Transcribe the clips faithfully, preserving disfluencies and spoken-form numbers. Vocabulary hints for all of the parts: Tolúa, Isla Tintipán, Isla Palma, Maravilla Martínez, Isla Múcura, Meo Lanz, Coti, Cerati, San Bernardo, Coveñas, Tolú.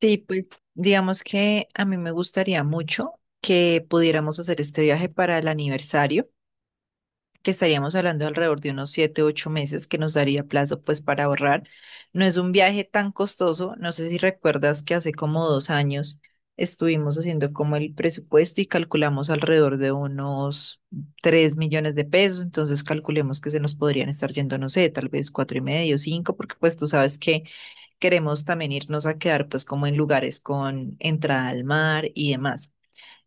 Sí, pues digamos que a mí me gustaría mucho que pudiéramos hacer este viaje para el aniversario, que estaríamos hablando alrededor de unos siete, ocho meses que nos daría plazo pues para ahorrar. No es un viaje tan costoso, no sé si recuerdas que hace como dos años estuvimos haciendo como el presupuesto y calculamos alrededor de unos tres millones de pesos. Entonces calculemos que se nos podrían estar yendo, no sé, tal vez cuatro y medio, cinco, porque pues tú sabes que queremos también irnos a quedar pues como en lugares con entrada al mar y demás.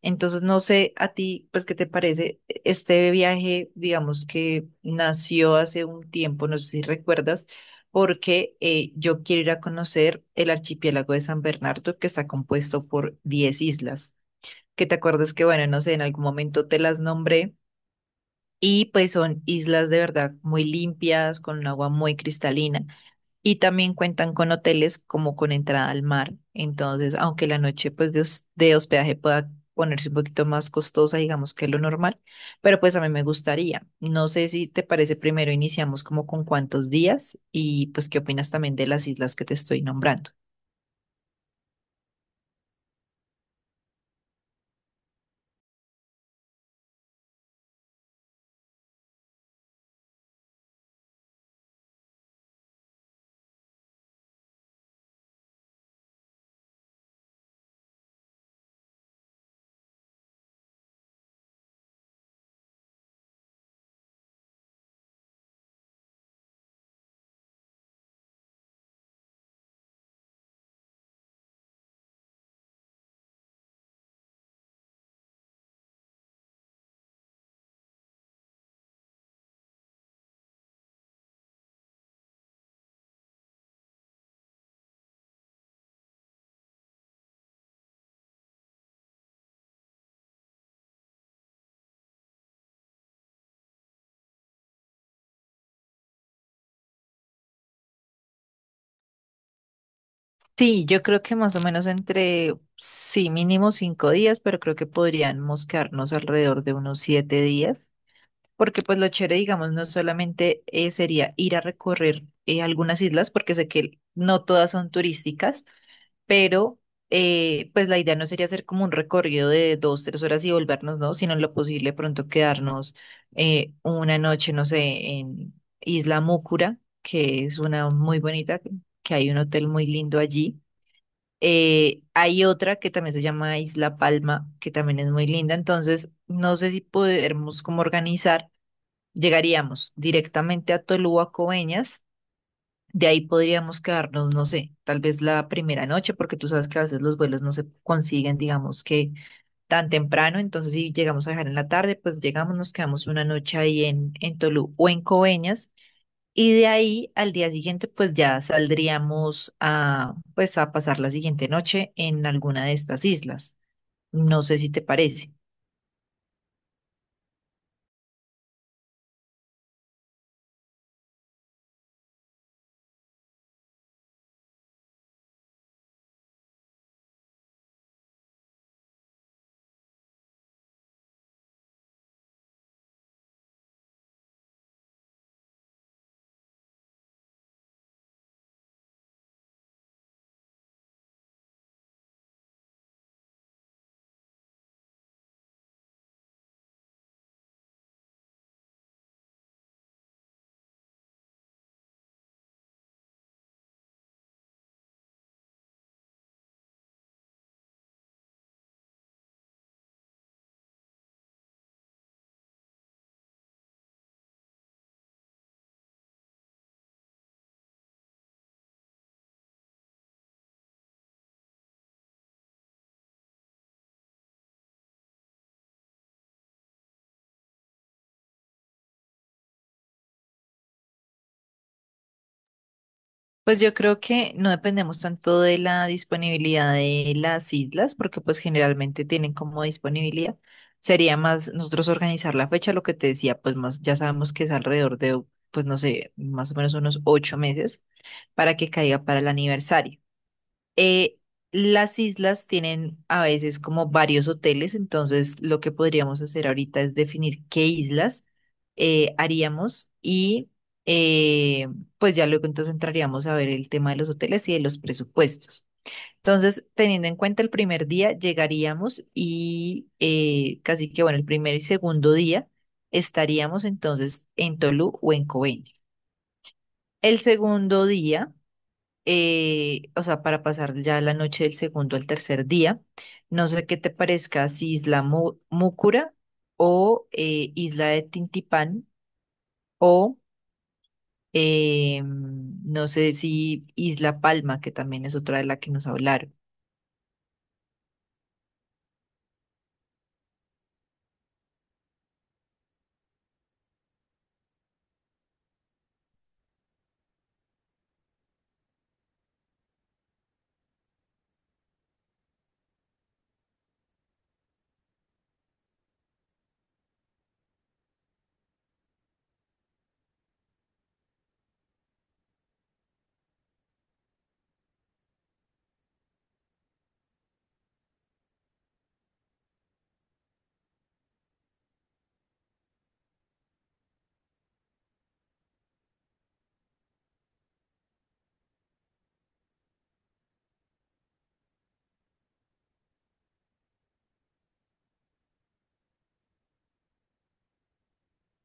Entonces, no sé a ti, pues, ¿qué te parece? Este viaje, digamos que nació hace un tiempo, no sé si recuerdas, porque eh, yo quiero ir a conocer el archipiélago de San Bernardo, que está compuesto por diez islas, que te acuerdas que, bueno, no sé, en algún momento te las nombré, y pues son islas de verdad muy limpias, con un agua muy cristalina. Y también cuentan con hoteles como con entrada al mar. Entonces, aunque la noche pues de, hos- de hospedaje pueda ponerse un poquito más costosa, digamos que lo normal, pero pues a mí me gustaría. No sé si te parece, primero iniciamos como con cuántos días, y pues qué opinas también de las islas que te estoy nombrando. Sí, yo creo que más o menos entre, sí, mínimo cinco días, pero creo que podríamos quedarnos alrededor de unos siete días. Porque pues lo chévere, digamos, no solamente eh, sería ir a recorrer eh, algunas islas, porque sé que no todas son turísticas, pero eh, pues la idea no sería hacer como un recorrido de dos, tres horas y volvernos, ¿no? Sino en lo posible pronto quedarnos eh, una noche, no sé, en Isla Múcura, que es una muy bonita, que hay un hotel muy lindo allí. Eh, hay otra que también se llama Isla Palma, que también es muy linda. Entonces, no sé si podemos como organizar. Llegaríamos directamente a Tolúa, Coveñas. De ahí podríamos quedarnos, no sé, tal vez la primera noche, porque tú sabes que a veces los vuelos no se consiguen, digamos que tan temprano. Entonces, si llegamos a dejar en la tarde, pues llegamos, nos quedamos una noche ahí en, en Tolú o en Coveñas. Y de ahí al día siguiente, pues ya saldríamos a, pues, a pasar la siguiente noche en alguna de estas islas. No sé si te parece. Pues yo creo que no dependemos tanto de la disponibilidad de las islas, porque pues generalmente tienen como disponibilidad. Sería más nosotros organizar la fecha, lo que te decía, pues más ya sabemos que es alrededor de, pues no sé, más o menos unos ocho meses para que caiga para el aniversario. Eh, las islas tienen a veces como varios hoteles, entonces lo que podríamos hacer ahorita es definir qué islas eh, haríamos, y eh, pues ya luego entonces entraríamos a ver el tema de los hoteles y de los presupuestos. Entonces, teniendo en cuenta el primer día, llegaríamos y eh, casi que, bueno, el primer y segundo día estaríamos entonces en Tolú o en Coveñas. El segundo día eh, o sea, para pasar ya la noche del segundo al tercer día. No sé qué te parezca, si Isla Mu- Múcura, o eh, Isla de Tintipán, o eh, no sé si Isla Palma, que también es otra de la que nos hablaron.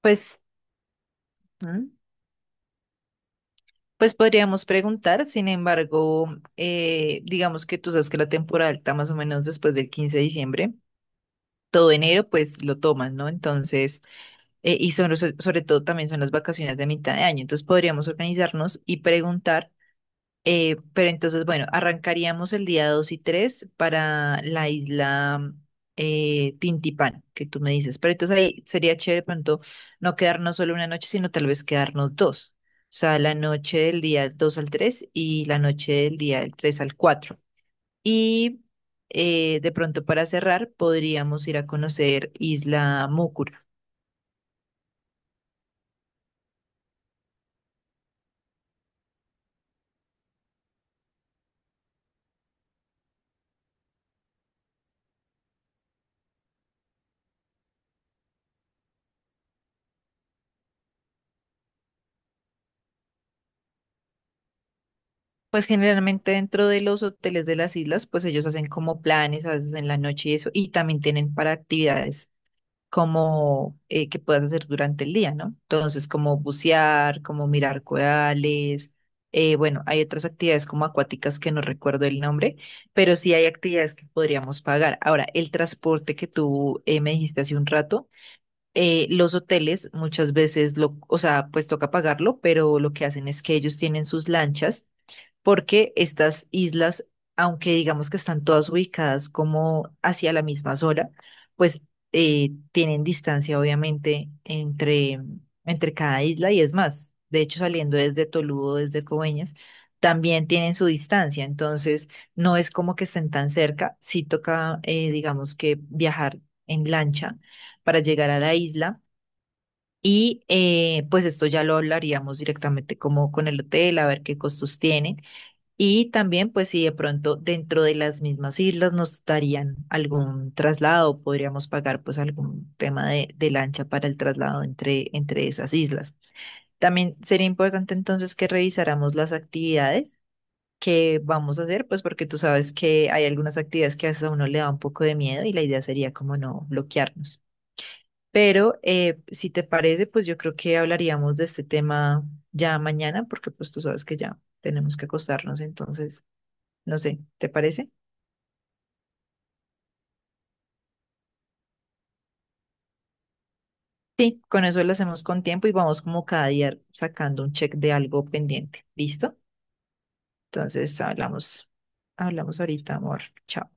Pues, ¿Mm? Pues podríamos preguntar, sin embargo, eh, digamos que tú sabes que la temporada alta más o menos después del quince de diciembre, todo enero pues lo tomas, ¿no? Entonces eh, y sobre, so- sobre todo también son las vacaciones de mitad de año. Entonces podríamos organizarnos y preguntar, eh, pero entonces, bueno, arrancaríamos el día dos y tres para la isla eh, Tintipán, que tú me dices. Pero entonces ahí sería chévere de pronto no quedarnos solo una noche, sino tal vez quedarnos dos. O sea, la noche del día dos al tres y la noche del día del tres al cuatro. Y eh, de pronto para cerrar, podríamos ir a conocer Isla Mucur. Pues generalmente dentro de los hoteles de las islas, pues ellos hacen como planes a veces en la noche y eso, y también tienen para actividades como eh, que puedas hacer durante el día, ¿no? Entonces, como bucear, como mirar corales, eh, bueno, hay otras actividades como acuáticas que no recuerdo el nombre, pero sí hay actividades que podríamos pagar. Ahora, el transporte que tú eh, me dijiste hace un rato, eh, los hoteles muchas veces lo, o sea, pues toca pagarlo, pero lo que hacen es que ellos tienen sus lanchas, porque estas islas, aunque digamos que están todas ubicadas como hacia la misma zona, pues eh, tienen distancia obviamente entre, entre cada isla, y es más, de hecho saliendo desde Toludo, desde Coveñas, también tienen su distancia, entonces no es como que estén tan cerca, sí toca eh, digamos que viajar en lancha para llegar a la isla. Y eh, pues esto ya lo hablaríamos directamente como con el hotel, a ver qué costos tienen. Y también pues si de pronto dentro de las mismas islas nos darían algún traslado, podríamos pagar pues algún tema de, de lancha para el traslado entre, entre esas islas. También sería importante entonces que revisáramos las actividades que vamos a hacer, pues porque tú sabes que hay algunas actividades que hasta a uno le da un poco de miedo, y la idea sería como no bloquearnos. Pero eh, si te parece, pues yo creo que hablaríamos de este tema ya mañana, porque pues tú sabes que ya tenemos que acostarnos. Entonces, no sé, ¿te parece? Sí, con eso lo hacemos con tiempo y vamos como cada día sacando un check de algo pendiente, ¿listo? Entonces hablamos, hablamos, ahorita, amor. Chao.